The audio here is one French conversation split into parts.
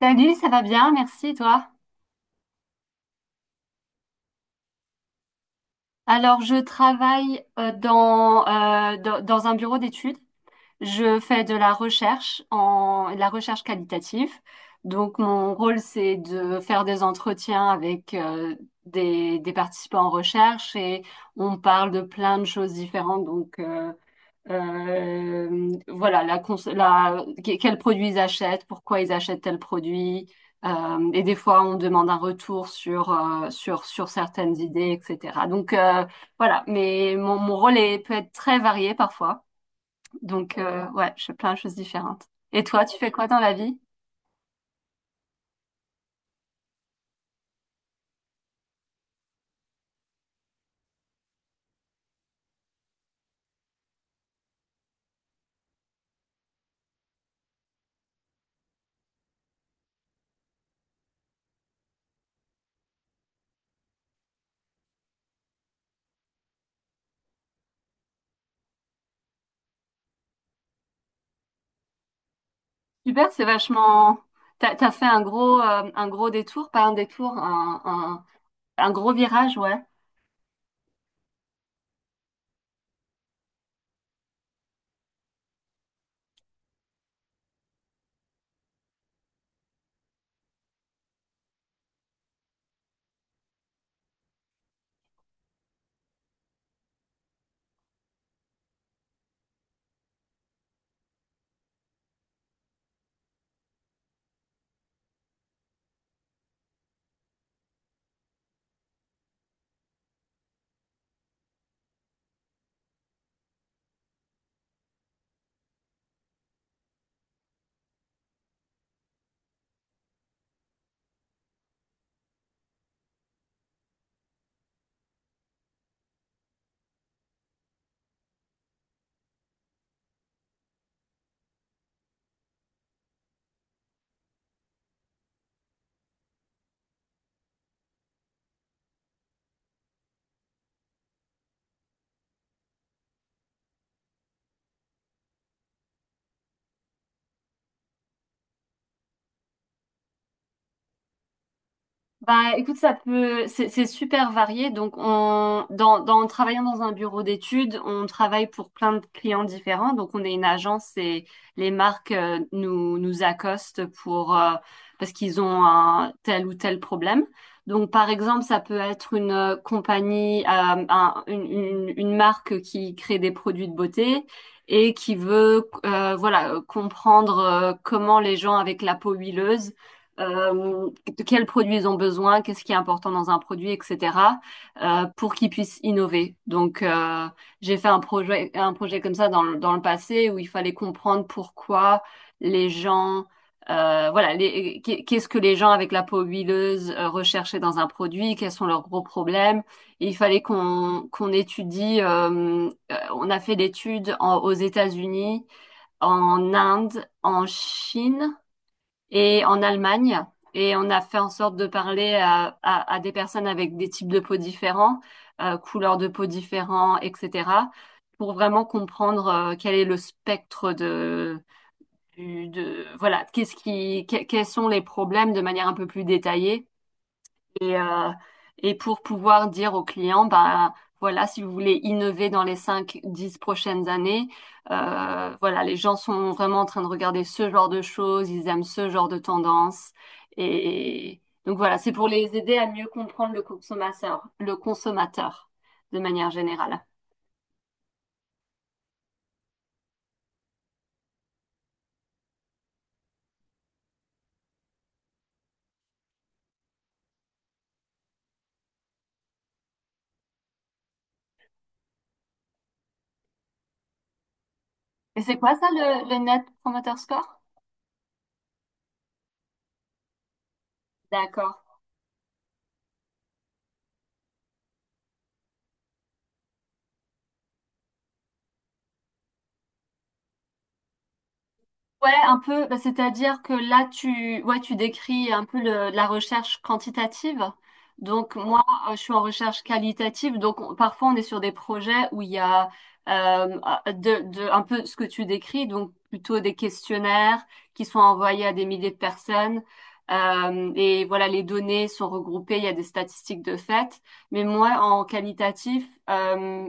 Salut, ça va bien, merci, et toi? Alors, je travaille dans un bureau d'études. Je fais de la recherche qualitative. Donc, mon rôle, c'est de faire des entretiens avec des participants en recherche et on parle de plein de choses différentes. Donc, voilà, la cons- la- que- quels produits ils achètent, pourquoi ils achètent tel produit. Et des fois, on demande un retour sur certaines idées, etc. Donc, voilà, mais mon rôle est, peut être très varié parfois. Donc, ouais, je fais plein de choses différentes. Et toi, tu fais quoi dans la vie? Super, c'est vachement. T'as fait un gros détour, pas un détour, un gros virage, ouais. Bah, écoute, c'est super varié. Donc, en travaillant dans un bureau d'études, on travaille pour plein de clients différents. Donc, on est une agence et les marques nous accostent parce qu'ils ont un tel ou tel problème. Donc, par exemple, ça peut être une compagnie, une marque qui crée des produits de beauté et qui veut, voilà, comprendre comment les gens avec la peau huileuse euh, de quels produits ils ont besoin, qu'est-ce qui est important dans un produit, etc., pour qu'ils puissent innover. Donc, j'ai fait un projet comme ça dans le passé où il fallait comprendre pourquoi les gens, voilà, qu'est-ce que les gens avec la peau huileuse recherchaient dans un produit, quels sont leurs gros problèmes. Et il fallait qu'on étudie, on a fait l'étude aux États-Unis, en Inde, en Chine et en Allemagne. Et on a fait en sorte de parler à des personnes avec des types de peau différents, couleurs de peau différents, etc., pour vraiment comprendre quel est le spectre de, du- de voilà, quels sont les problèmes de manière un peu plus détaillée et, euh, et pour pouvoir dire aux clients, bah, voilà, si vous voulez innover dans les cinq dix prochaines années, voilà, les gens sont vraiment en train de regarder ce genre de choses, ils aiment ce genre de tendance. Et donc voilà, c'est pour les aider à mieux comprendre le consommateur de manière générale. Et c'est quoi ça, le Net Promoter Score? D'accord. Ouais, un peu, bah, c'est-à-dire que là, tu, ouais, tu décris un peu la recherche quantitative. Donc, moi, je suis en recherche qualitative. Donc, parfois, on est sur des projets où il y a un peu ce que tu décris, donc plutôt des questionnaires qui sont envoyés à des milliers de personnes. Et voilà, les données sont regroupées, il y a des statistiques de fait. Mais moi, en qualitatif,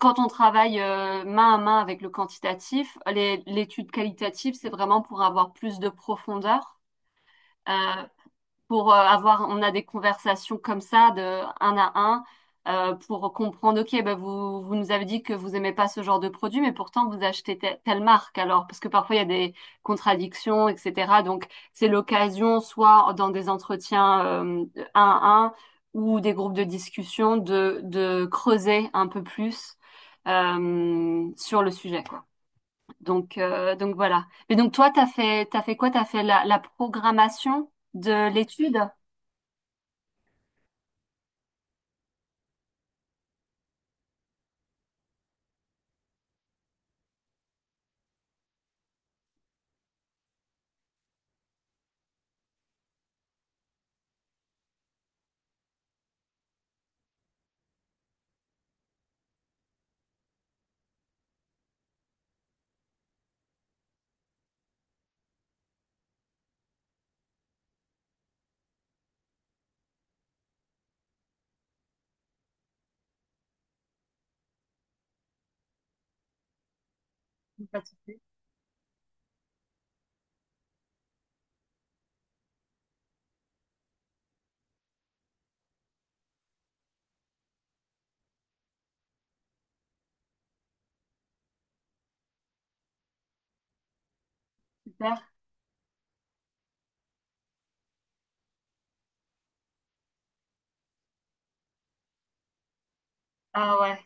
quand on travaille main à main avec le quantitatif, l'étude qualitative, c'est vraiment pour avoir plus de profondeur. Euh, pour avoir, on a des conversations comme ça de un à un pour comprendre, ok, bah vous, vous nous avez dit que vous aimez pas ce genre de produit, mais pourtant vous achetez telle marque alors, parce que parfois il y a des contradictions, etc. Donc c'est l'occasion, soit dans des entretiens un à un ou des groupes de discussion, de creuser un peu plus sur le sujet, quoi. Donc voilà. Et donc toi, t'as fait quoi? T'as fait la programmation de l'étude? Pas de souci, super. Ah ouais.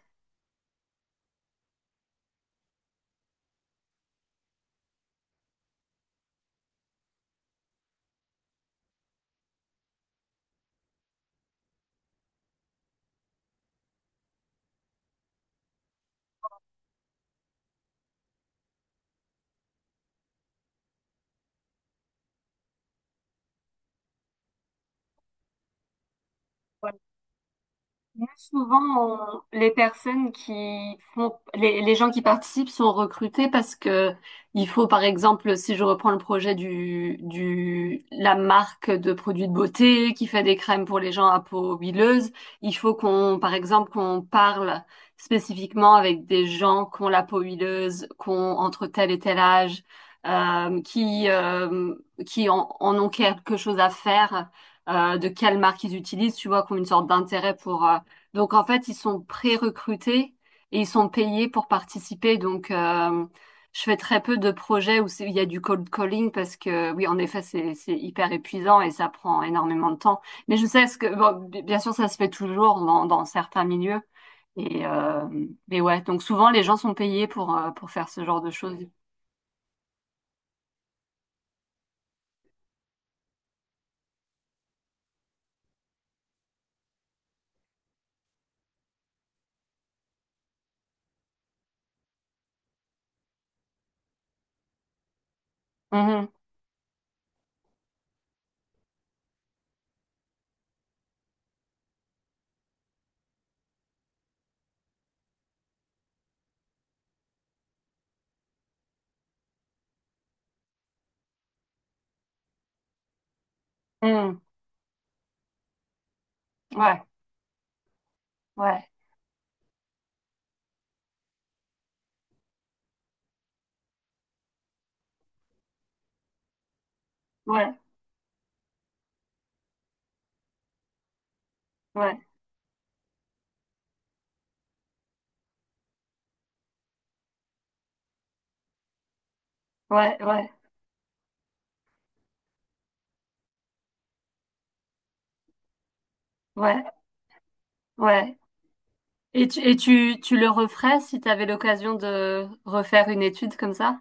Moi, souvent, les gens qui participent sont recrutés parce que il faut, par exemple, si je reprends le projet la marque de produits de beauté qui fait des crèmes pour les gens à peau huileuse, il faut qu'on, par exemple, qu'on parle spécifiquement avec des gens qui ont la peau huileuse, qui ont entre tel et tel âge, euh, qui, euh, qui en ont quelque chose à faire, de quelle marque ils utilisent, tu vois, qui ont une sorte d'intérêt pour, donc en fait, ils sont pré-recrutés et ils sont payés pour participer. Donc je fais très peu de projets où il y a du cold calling parce que oui, en effet, c'est hyper épuisant et ça prend énormément de temps. Mais je sais ce que bon, bien sûr, ça se fait toujours dans certains milieux. Et mais ouais, donc souvent les gens sont payés pour faire ce genre de choses. Mhm. Mhm. Ouais, ouais, ouais, ouais, ouais, ouais, ouais, ouais. Tu le referais si tu avais l'occasion de refaire une étude comme ça?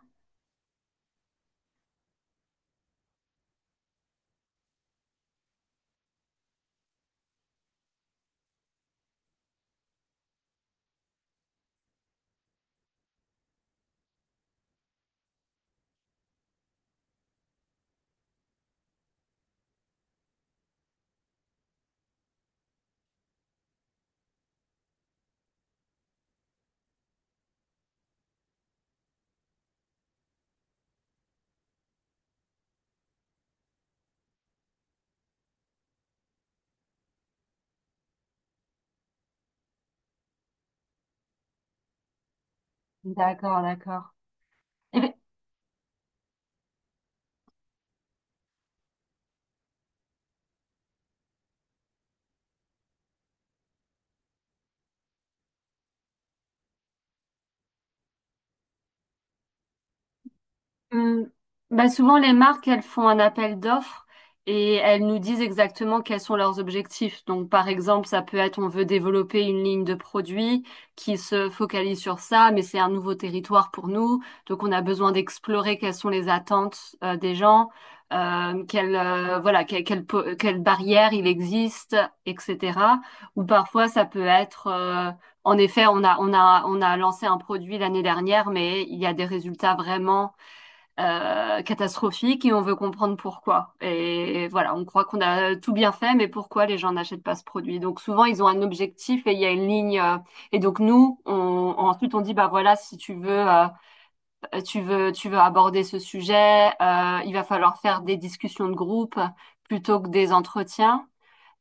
D'accord, d'accord. Et, Hmm. Bah, souvent, les marques, elles font un appel d'offres et elles nous disent exactement quels sont leurs objectifs. Donc, par exemple, ça peut être on veut développer une ligne de produits qui se focalise sur ça, mais c'est un nouveau territoire pour nous. Donc, on a besoin d'explorer quelles sont les attentes des gens, voilà, quelles barrières il existe, etc. Ou parfois, ça peut être en effet, on a lancé un produit l'année dernière, mais il y a des résultats vraiment catastrophique et on veut comprendre pourquoi. Et voilà, on croit qu'on a tout bien fait, mais pourquoi les gens n'achètent pas ce produit? Donc souvent, ils ont un objectif et il y a une ligne. Et donc nous, ensuite, on dit, bah voilà, si tu veux, tu veux aborder ce sujet, il va falloir faire des discussions de groupe plutôt que des entretiens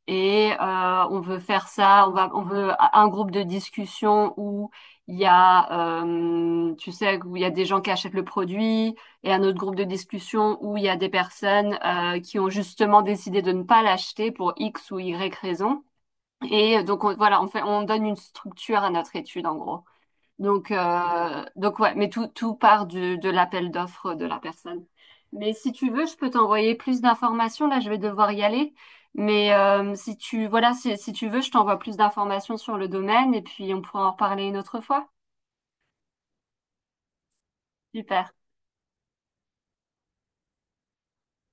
et on veut faire ça, on veut un groupe de discussion où il y a, tu sais, où il y a des gens qui achètent le produit et un autre groupe de discussion où il y a des personnes qui ont justement décidé de ne pas l'acheter pour X ou Y raison. Et donc voilà, on donne une structure à notre étude en gros. Donc ouais, mais tout part de l'appel d'offres de la personne. Mais si tu veux, je peux t'envoyer plus d'informations. Là, je vais devoir y aller. Mais si tu, voilà, si tu veux, je t'envoie plus d'informations sur le domaine et puis on pourra en reparler une autre fois. Super.